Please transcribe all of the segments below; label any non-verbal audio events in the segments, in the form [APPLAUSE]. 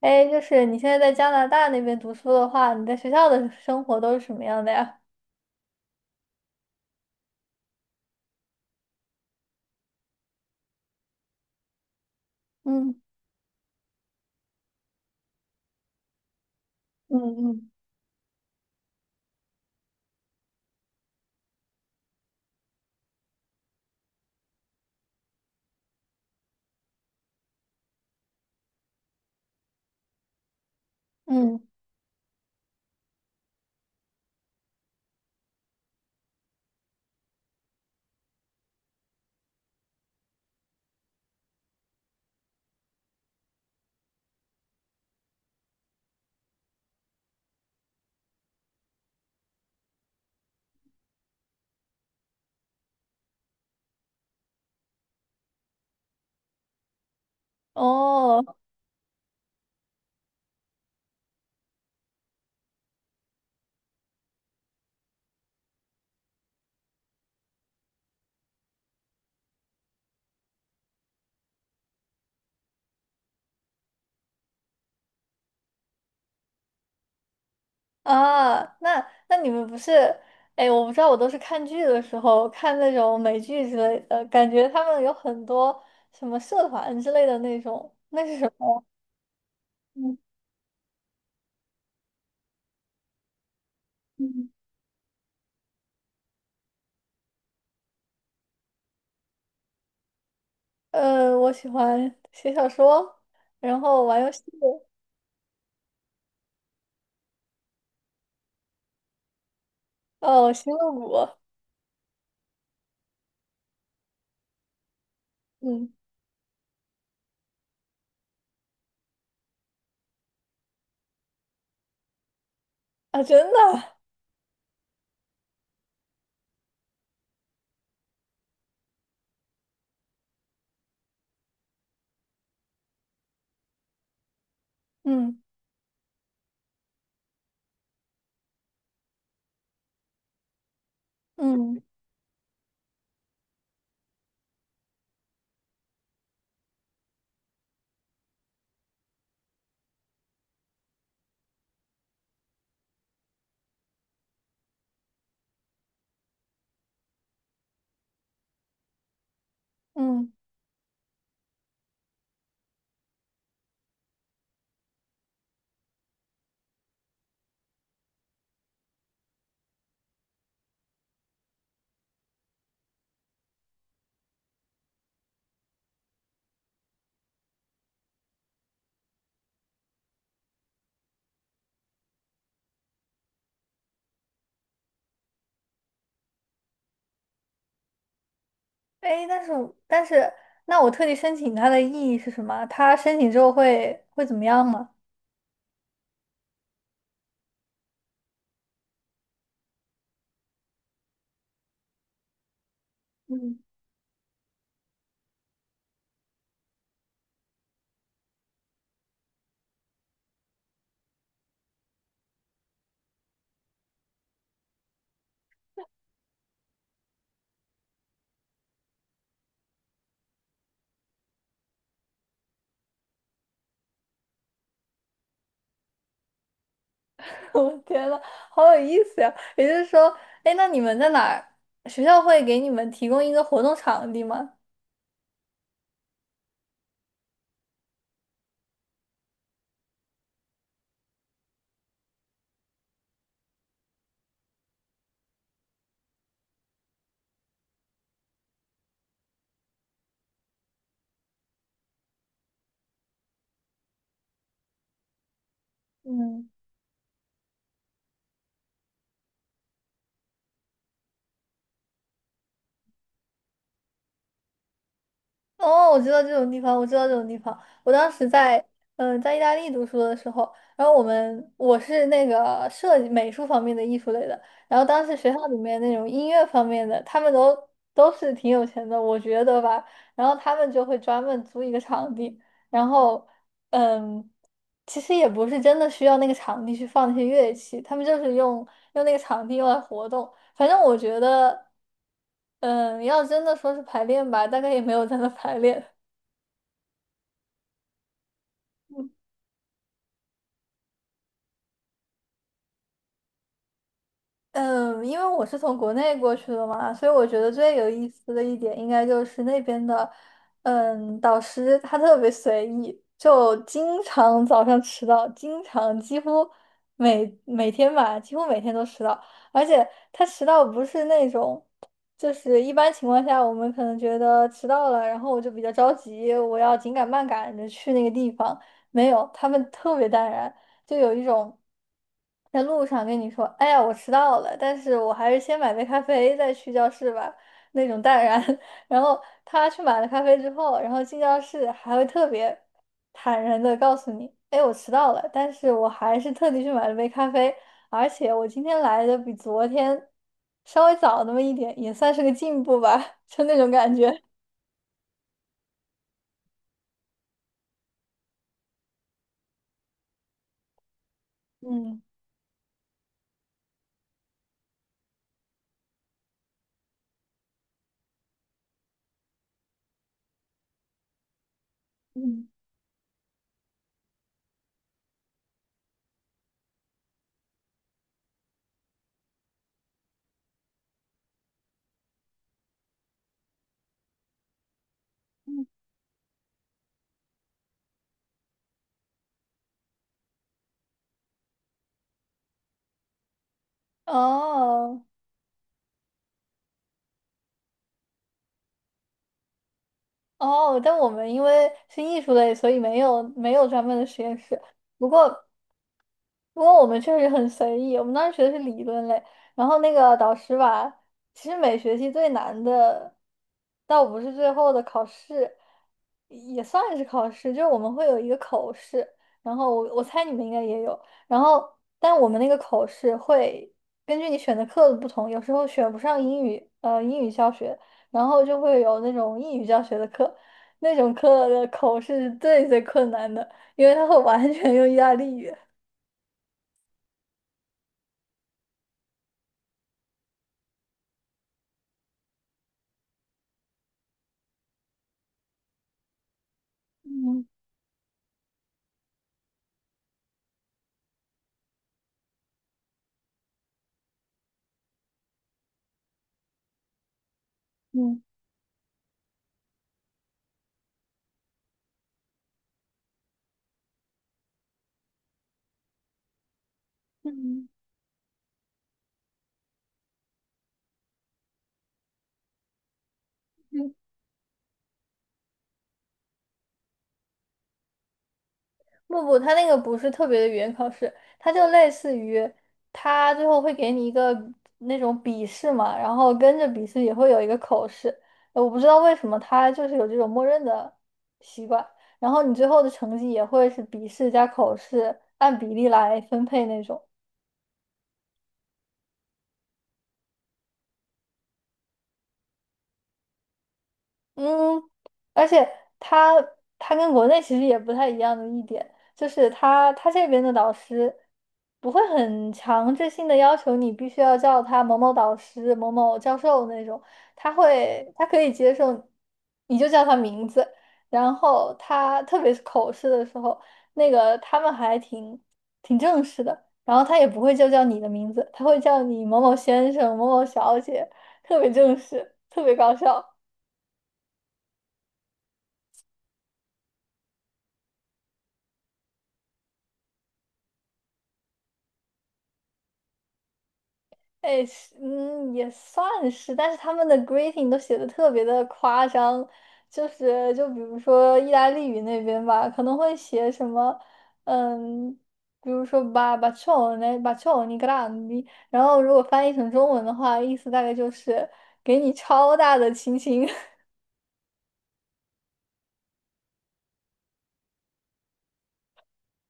哎，就是你现在在加拿大那边读书的话，你在学校的生活都是什么样的呀？嗯嗯嗯，嗯，[LAUGHS] 哦，啊，那你们不是，哎，我不知道，我都是看剧的时候看那种美剧之类的，感觉他们有很多什么社团之类的那种，那是什么呀嗯，嗯，我喜欢写小说，然后玩游戏，哦，星露谷，嗯，啊，真的，嗯嗯嗯。哎，但是，那我特地申请它的意义是什么？它申请之后会怎么样吗？嗯，[LAUGHS] 我天呐，好有意思呀！也就是说，哎，那你们在哪儿？学校会给你们提供一个活动场地吗？嗯。哦，我知道这种地方，我知道这种地方。我当时在，在意大利读书的时候，然后我是那个设计美术方面的艺术类的，然后当时学校里面那种音乐方面的，他们都是挺有钱的，我觉得吧。然后他们就会专门租一个场地，然后，嗯，其实也不是真的需要那个场地去放那些乐器，他们就是用那个场地用来活动。反正我觉得，要真的说是排练吧，大概也没有在那排练，嗯，因为我是从国内过去的嘛，所以我觉得最有意思的一点，应该就是那边的，导师他特别随意，就经常早上迟到，经常几乎每天吧，几乎每天都迟到，而且他迟到不是那种，就是一般情况下我们可能觉得迟到了，然后我就比较着急，我要紧赶慢赶着去那个地方，没有，他们特别淡然。就有一种在路上跟你说：“哎呀，我迟到了，但是我还是先买杯咖啡再去教室吧。”那种淡然。[LAUGHS] 然后他去买了咖啡之后，然后进教室还会特别坦然的告诉你：“哎，我迟到了，但是我还是特地去买了杯咖啡，而且我今天来的比昨天稍微早那么一点，也算是个进步吧。”就那种感觉。嗯嗯嗯，哦。哦，但我们因为是艺术类，所以没有专门的实验室。不过，不过，我们确实很随意，我们当时学的是理论类，然后那个导师吧，其实每学期最难的，倒不是最后的考试，也算是考试，就是我们会有一个口试，然后我猜你们应该也有，然后但我们那个口试会根据你选的课的不同，有时候选不上英语，英语教学，然后就会有那种英语教学的课，那种课的口试是最最困难的，因为它会完全用意大利语。嗯，嗯嗯嗯，不不，他那个不是特别的语言考试，他就类似于他最后会给你一个那种笔试嘛，然后跟着笔试也会有一个口试。我不知道为什么他就是有这种默认的习惯，然后你最后的成绩也会是笔试加口试按比例来分配那种。嗯，而且他他跟国内其实也不太一样的一点，就是他这边的导师不会很强制性的要求你必须要叫他某某导师、某某教授那种，他可以接受，你就叫他名字。然后他特别是口试的时候，那个他们还挺正式的，然后他也不会就叫你的名字，他会叫你某某先生、某某小姐，特别正式，特别搞笑。哎，是嗯，也算是，但是他们的 greeting 都写的特别的夸张，就是就比如说意大利语那边吧，可能会写什么，嗯，比如说 bacione bacioni grandi，然后如果翻译成中文的话，意思大概就是给你超大的亲亲。[LAUGHS]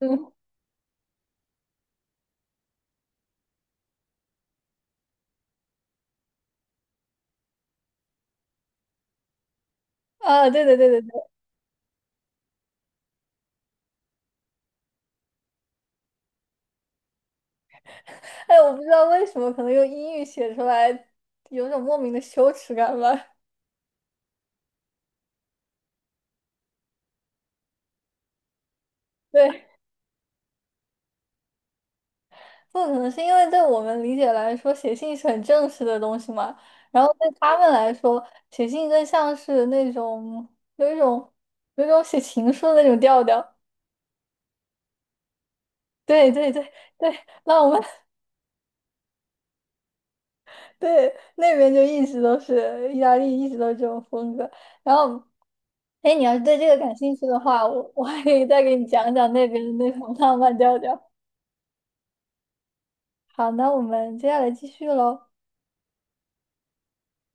嗯，啊，对对对对对，哎，我不知道为什么，可能用英语写出来有种莫名的羞耻感吧。[LAUGHS] 对。不可能是因为对我们理解来说，写信是很正式的东西嘛，然后对他们来说，写信更像是那种有一种写情书的那种调调。对对对对，那我们 [LAUGHS] 对那边就一直都是意大利，一直都是这种风格。然后，哎，你要是对这个感兴趣的话，我 [LAUGHS] 我还可以再给你讲讲那边的那种浪漫调调。好，那我们接下来继续喽。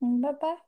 嗯，拜拜。